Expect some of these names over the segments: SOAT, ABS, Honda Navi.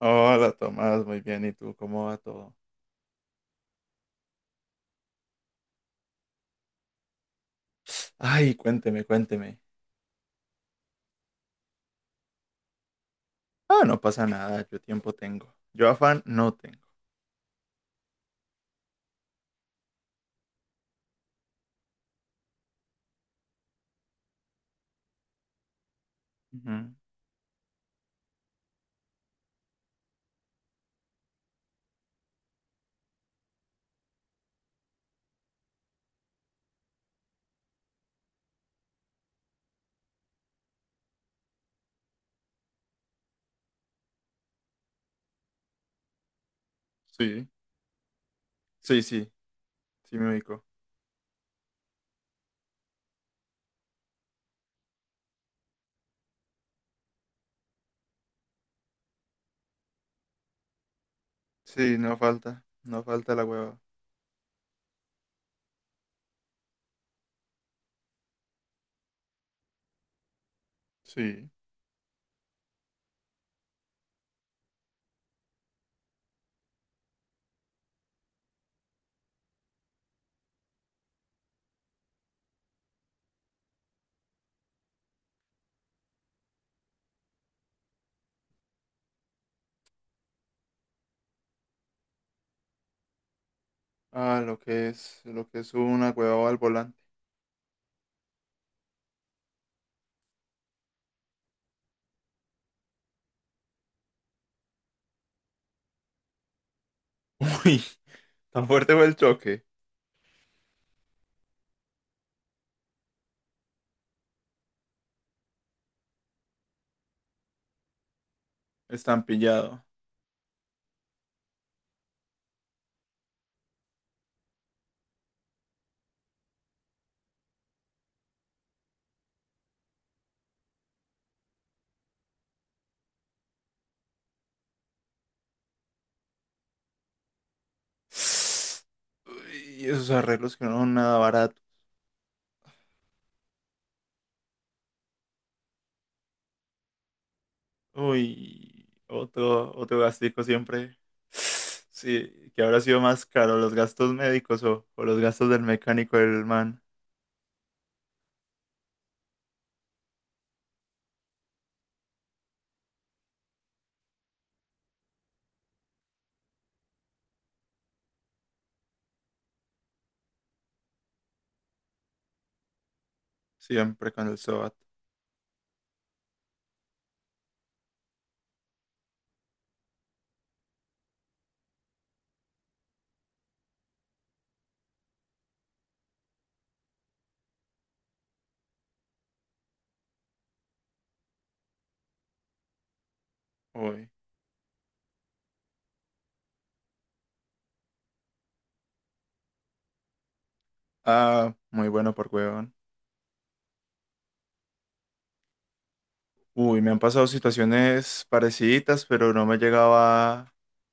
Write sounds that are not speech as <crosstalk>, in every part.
Hola Tomás, muy bien. ¿Y tú cómo va todo? Ay, cuénteme, cuénteme. Ah, no pasa nada, yo tiempo tengo. Yo afán no tengo. Ujú. Sí, sí, sí, sí me ubico. Sí, no falta, no falta la hueva. Sí. Ah, lo que es una hueva al volante. <laughs> Uy, ¿tan fuerte fue el choque? Estampillado. Uy, esos arreglos que no son nada baratos. Uy, otro gastico siempre. <sighs> Sí, que habrá sido más caro, los gastos médicos o los gastos del mecánico del man. Siempre con el SOAT. Uy. Ah, muy bueno por huevón. Uy, me han pasado situaciones parecidas, pero no me llegaba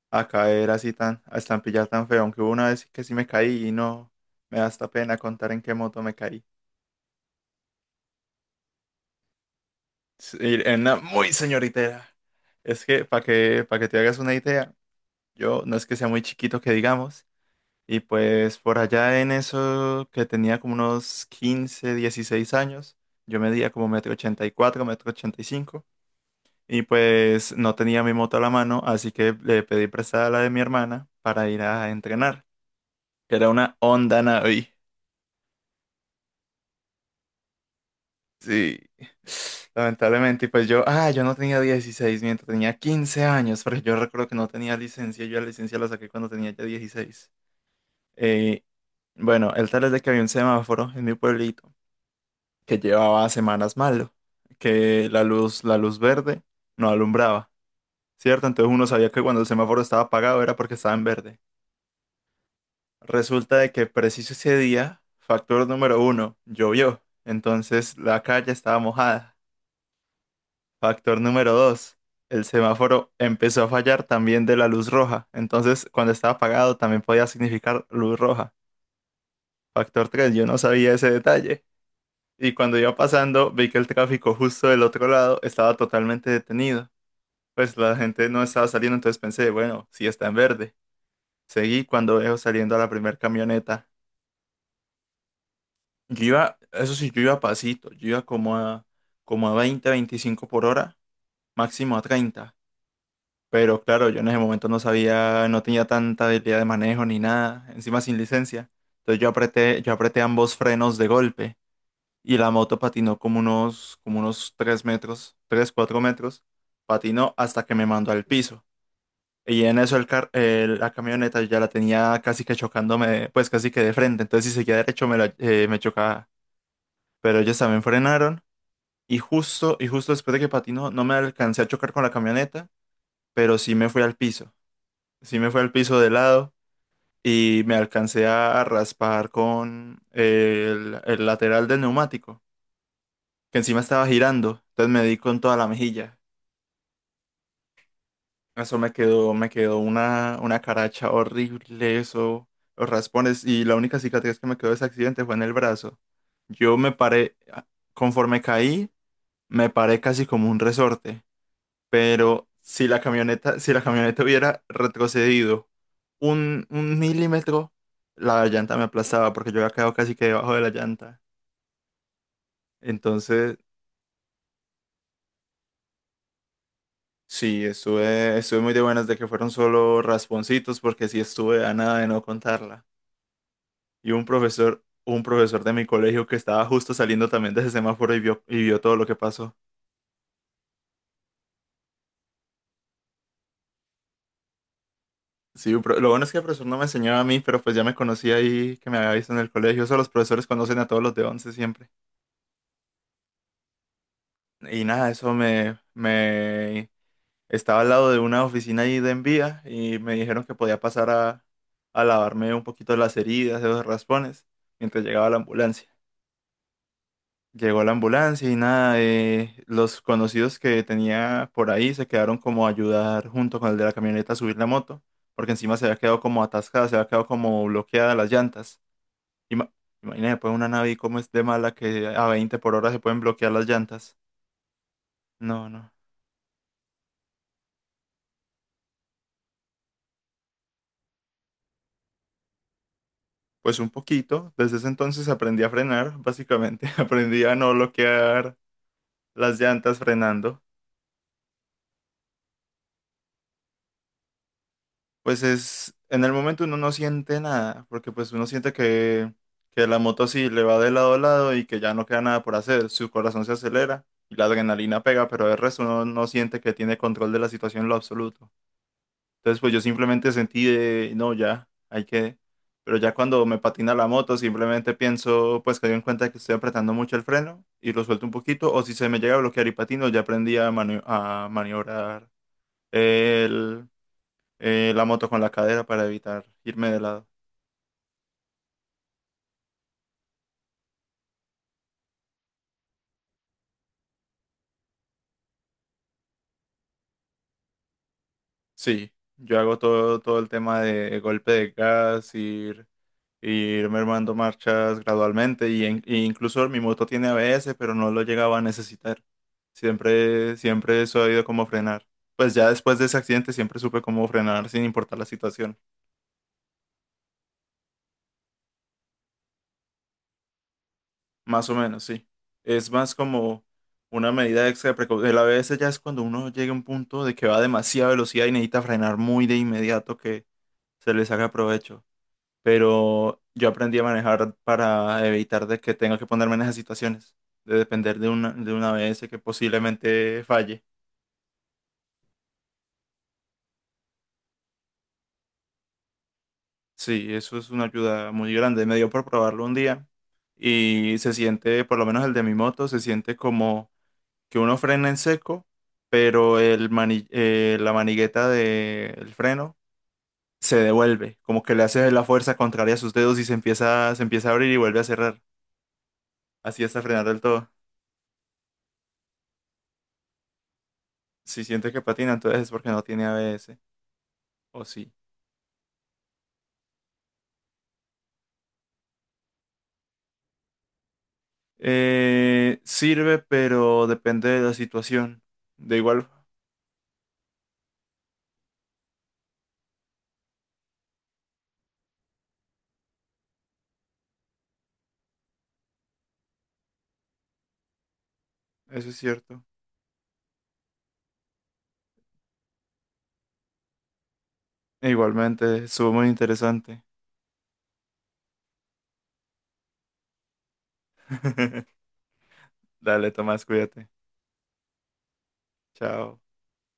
a caer así tan, a estampillar tan feo. Aunque hubo una vez que sí me caí y no, me da hasta pena contar en qué moto me caí. Sí, en una muy señoritera. Es que, para que te hagas una idea. Yo no es que sea muy chiquito que digamos. Y pues por allá en eso que tenía como unos 15, 16 años, yo medía como metro 84, metro 85. Y cinco. Y pues no tenía mi moto a la mano, así que le pedí prestada la de mi hermana para ir a entrenar. Que era una Honda Navi. Sí. Lamentablemente, y pues yo no tenía 16, mientras tenía 15 años, porque yo recuerdo que no tenía licencia, yo la licencia la saqué cuando tenía ya 16. Eh, bueno, el tal es de que había un semáforo en mi pueblito que llevaba semanas malo, que la luz verde no alumbraba, ¿cierto? Entonces uno sabía que cuando el semáforo estaba apagado era porque estaba en verde. Resulta de que preciso ese día, factor número uno, llovió, entonces la calle estaba mojada. Factor número dos, el semáforo empezó a fallar también de la luz roja, entonces cuando estaba apagado también podía significar luz roja. Factor tres, yo no sabía ese detalle. Y cuando iba pasando, vi que el tráfico justo del otro lado estaba totalmente detenido. Pues la gente no estaba saliendo, entonces pensé, bueno, sí está en verde. Seguí cuando veo saliendo a la primera camioneta. Yo iba, eso sí, yo iba a pasito, yo iba como a, 20, 25 por hora, máximo a 30. Pero claro, yo en ese momento no sabía, no tenía tanta habilidad de manejo ni nada, encima sin licencia. Entonces yo apreté ambos frenos de golpe. Y la moto patinó como unos 3 metros, 3 4 metros, patinó hasta que me mandó al piso. Y en eso la camioneta ya la tenía casi que chocándome, pues casi que de frente, entonces si seguía derecho me chocaba, pero ellos también frenaron y justo después de que patinó no me alcancé a chocar con la camioneta, pero sí me fui al piso, sí me fui al piso de lado. Y me alcancé a raspar con el lateral del neumático, que encima estaba girando, entonces me di con toda la mejilla. Eso me quedó, me quedó una caracha horrible, eso, los raspones, y la única cicatriz que me quedó de ese accidente fue en el brazo. Yo me paré, conforme caí, me paré casi como un resorte, pero si la camioneta, hubiera retrocedido un milímetro, la llanta me aplastaba porque yo había quedado casi que debajo de la llanta. Entonces, sí, estuve muy de buenas de que fueron solo rasponcitos porque sí estuve a nada de no contarla. Y un profesor, de mi colegio que estaba justo saliendo también de ese semáforo y vio todo lo que pasó. Sí, lo bueno es que el profesor no me enseñaba a mí, pero pues ya me conocía ahí que me había visto en el colegio. Eso los profesores conocen a todos los de once siempre. Y nada, eso me estaba al lado de una oficina ahí de envía y me dijeron que podía pasar a lavarme un poquito las heridas, de los raspones, mientras llegaba la ambulancia. Llegó la ambulancia y nada, los conocidos que tenía por ahí se quedaron como a ayudar junto con el de la camioneta a subir la moto, porque encima se había quedado como atascada, se había quedado como bloqueada las llantas. Ima- Imagínate, pues una nave como es de mala que a 20 por hora se pueden bloquear las llantas. No, no. Pues un poquito, desde ese entonces aprendí a frenar, básicamente. <laughs> Aprendí a no bloquear las llantas frenando. Pues es, en el momento uno no siente nada, porque pues uno siente que la moto sí le va de lado a lado y que ya no queda nada por hacer, su corazón se acelera y la adrenalina pega, pero el resto uno no siente que tiene control de la situación en lo absoluto. Entonces pues yo simplemente sentí de, no, ya, hay que, pero ya cuando me patina la moto simplemente pienso pues que doy en cuenta que estoy apretando mucho el freno y lo suelto un poquito, o si se me llega a bloquear y patino, ya aprendí a maniobrar, la moto con la cadera para evitar irme de lado. Sí, yo hago todo, todo el tema de golpe de gas, ir mermando marchas gradualmente y incluso mi moto tiene ABS, pero no lo llegaba a necesitar. Siempre, siempre he sabido cómo frenar. Pues ya después de ese accidente siempre supe cómo frenar sin importar la situación. Más o menos, sí. Es más como una medida extra de precaución. El ABS ya es cuando uno llega a un punto de que va a demasiada velocidad y necesita frenar muy de inmediato que se le saca provecho. Pero yo aprendí a manejar para evitar de que tenga que ponerme en esas situaciones, de depender de una, ABS que posiblemente falle. Sí, eso es una ayuda muy grande. Me dio por probarlo un día y se siente, por lo menos el de mi moto, se siente como que uno frena en seco, pero la manigueta del freno se devuelve, como que le hace la fuerza contraria a sus dedos y se empieza, a abrir y vuelve a cerrar. Así hasta frenar del todo. Si siente que patina, entonces es porque no tiene ABS. O sí. Sirve, pero depende de la situación. De igual, eso es cierto. E igualmente, estuvo muy interesante. <laughs> Dale, Tomás, cuídate. Chao.